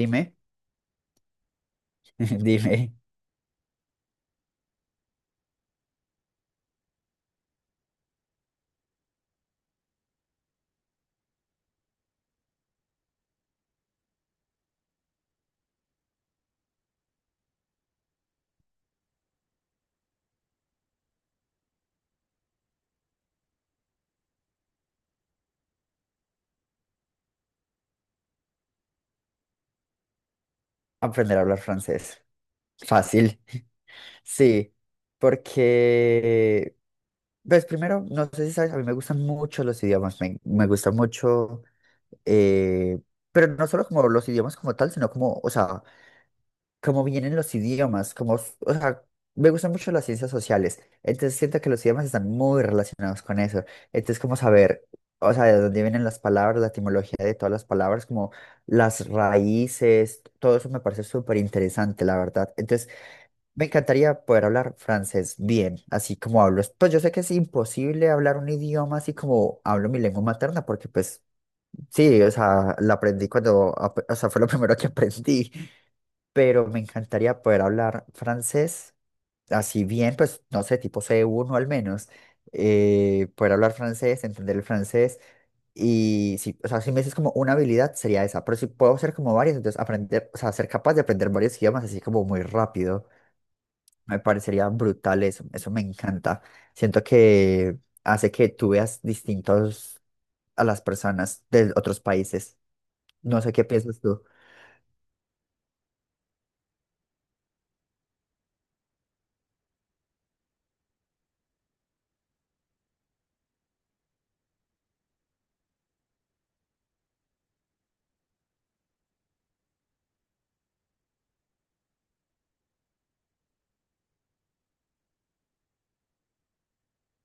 Dime. Dime, aprender a hablar francés. Fácil, sí, porque, pues primero, no sé si sabes, a mí me gustan mucho los idiomas, me gusta mucho, eh, pero no solo como los idiomas como tal, sino como, o sea, como vienen los idiomas, como, o sea, me gustan mucho las ciencias sociales, entonces siento que los idiomas están muy relacionados con eso, entonces como saber, o sea, de dónde vienen las palabras, la etimología de todas las palabras, como las raíces, todo eso me parece súper interesante, la verdad. Entonces, me encantaría poder hablar francés bien, así como hablo. Pues yo sé que es imposible hablar un idioma así como hablo mi lengua materna, porque pues sí, o sea, la aprendí cuando, o sea, fue lo primero que aprendí, pero me encantaría poder hablar francés, así bien, pues no sé, tipo C1 al menos, poder hablar francés, entender el francés, y si, o sea, si me dices como una habilidad sería esa, pero si puedo hacer como varias, entonces aprender, o sea, ser capaz de aprender varios idiomas así como muy rápido, me parecería brutal eso, eso me encanta. Siento que hace que tú veas distintos a las personas de otros países. No sé qué piensas tú.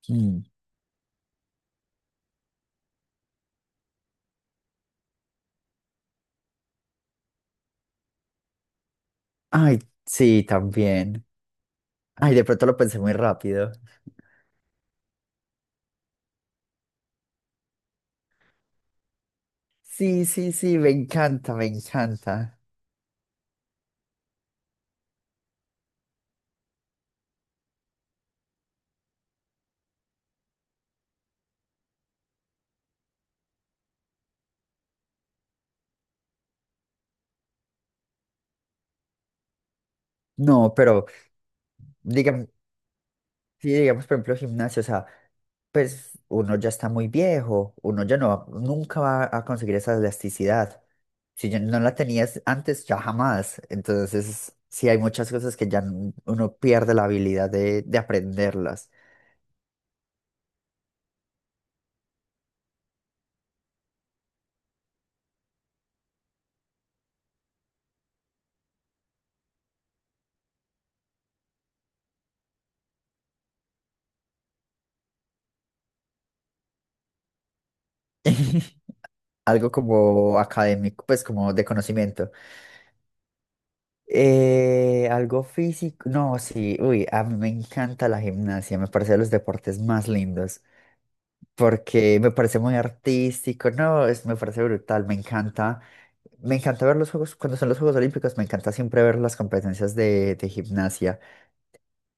Mm. Ay, sí, también. Ay, de pronto lo pensé muy rápido. Sí, sí, sí, me encanta, me encanta. No, pero digamos, sí, digamos, por ejemplo, gimnasio, o sea, pues uno ya está muy viejo, uno ya no, nunca va a conseguir esa elasticidad. Si ya no la tenías antes, ya jamás. Entonces, sí, hay muchas cosas que ya uno pierde la habilidad de aprenderlas. Algo como académico, pues como de conocimiento. Algo físico. No, sí, uy, a mí me encanta la gimnasia, me parece de los deportes más lindos, porque me parece muy artístico, no, es, me parece brutal, me encanta ver los juegos, cuando son los Juegos Olímpicos, me encanta siempre ver las competencias de gimnasia.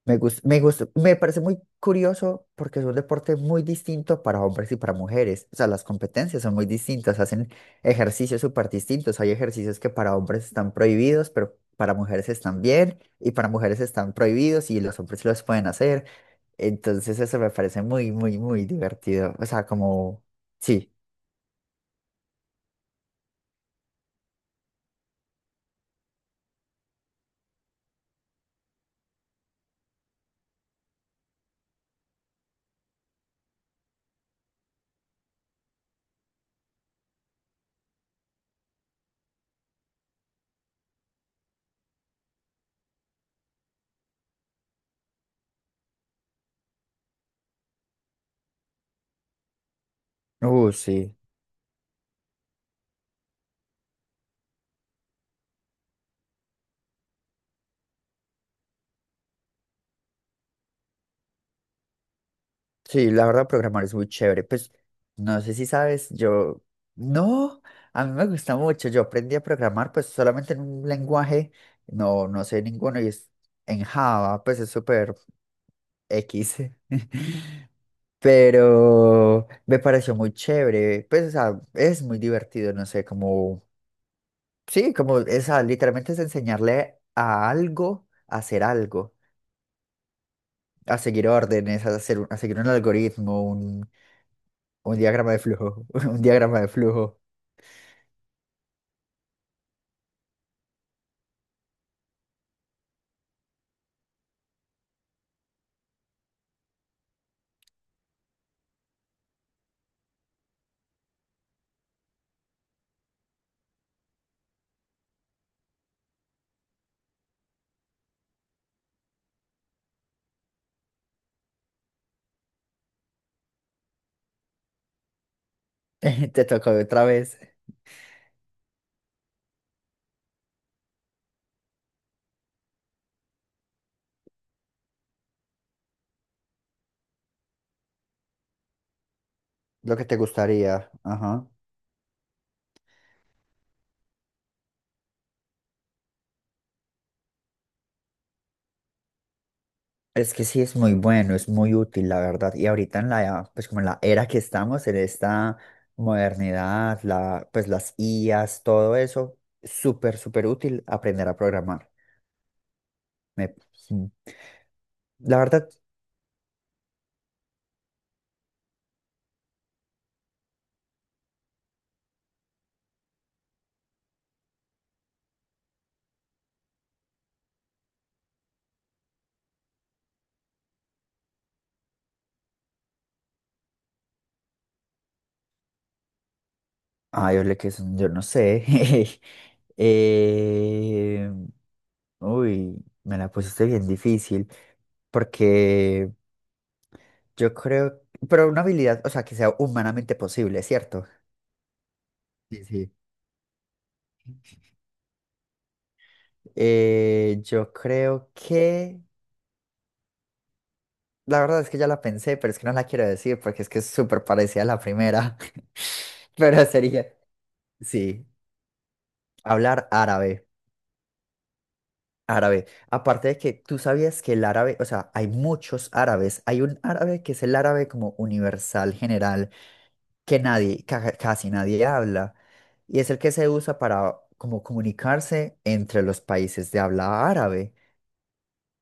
Me parece muy curioso porque es un deporte muy distinto para hombres y para mujeres. O sea, las competencias son muy distintas, hacen ejercicios súper distintos. Hay ejercicios que para hombres están prohibidos, pero para mujeres están bien, y para mujeres están prohibidos y los hombres los pueden hacer. Entonces eso me parece muy, muy, muy divertido. O sea, como, sí, sí. Sí, la verdad, programar es muy chévere. Pues no sé si sabes, yo no, a mí me gusta mucho. Yo aprendí a programar pues solamente en un lenguaje, no, no sé ninguno y es en Java, pues es súper X. Pero me pareció muy chévere. Pues o sea, es muy divertido, no sé, como, sí, como esa, literalmente es enseñarle a algo a hacer algo, a seguir órdenes, a hacer, a seguir un algoritmo, un diagrama de flujo, un diagrama de flujo. Te tocó otra vez. Lo que te gustaría. Ajá. Es que sí es muy bueno, es muy útil, la verdad. Y ahorita en la, pues como en la era que estamos, en esta modernidad, la, pues las IAs, todo eso, súper, súper útil aprender a programar. Me- sí, la verdad, ay, ole, que son, yo no sé. Eh, uy, me la pusiste bien difícil, porque yo creo, pero una habilidad, o sea, que sea humanamente posible, ¿cierto? Sí, sí. Yo creo que, la verdad es que ya la pensé, pero es que no la quiero decir porque es que es súper parecida a la primera. Pero sería, sí, hablar árabe, árabe. Aparte de que tú sabías que el árabe, o sea, hay muchos árabes. Hay un árabe que es el árabe como universal, general, que nadie, ja, casi nadie habla. Y es el que se usa para como comunicarse entre los países de habla árabe,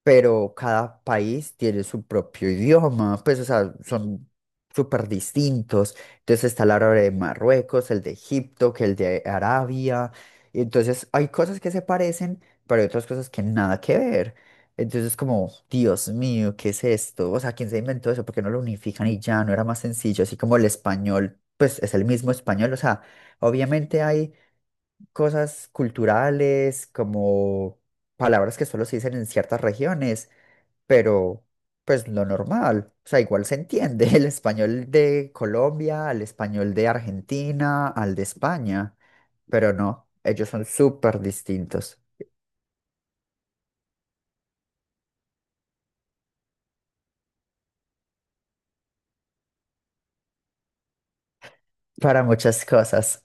pero cada país tiene su propio idioma, pues, o sea, son súper distintos. Entonces está el árabe de Marruecos, el de Egipto, que el de Arabia. Y entonces hay cosas que se parecen, pero hay otras cosas que nada que ver. Entonces, como, Dios mío, ¿qué es esto? O sea, ¿quién se inventó eso? ¿Por qué no lo unifican y ya? No era más sencillo, así como el español, pues es el mismo español. O sea, obviamente hay cosas culturales, como palabras que solo se dicen en ciertas regiones, pero pues lo normal, o sea, igual se entiende el español de Colombia, al español de Argentina, al de España, pero no, ellos son súper distintos para muchas cosas.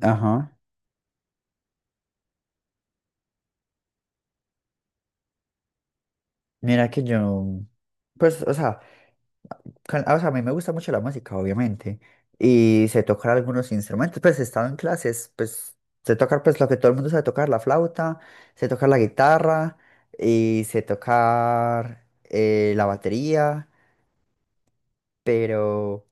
Ajá. Mira que yo, pues, o sea, o sea, a mí me gusta mucho la música, obviamente, y sé tocar algunos instrumentos, pues he estado en clases, pues sé tocar pues lo que todo el mundo sabe tocar, la flauta, sé tocar la guitarra y sé tocar la batería, pero,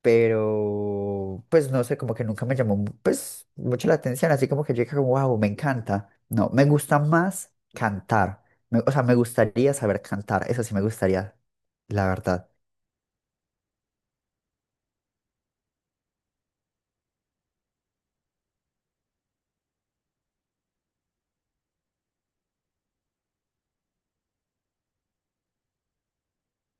pero, pues no sé, como que nunca me llamó, pues, mucho la atención, así como que yo dije, como, wow, me encanta. No, me gusta más cantar. Me- o sea, me gustaría saber cantar, eso sí me gustaría, la verdad.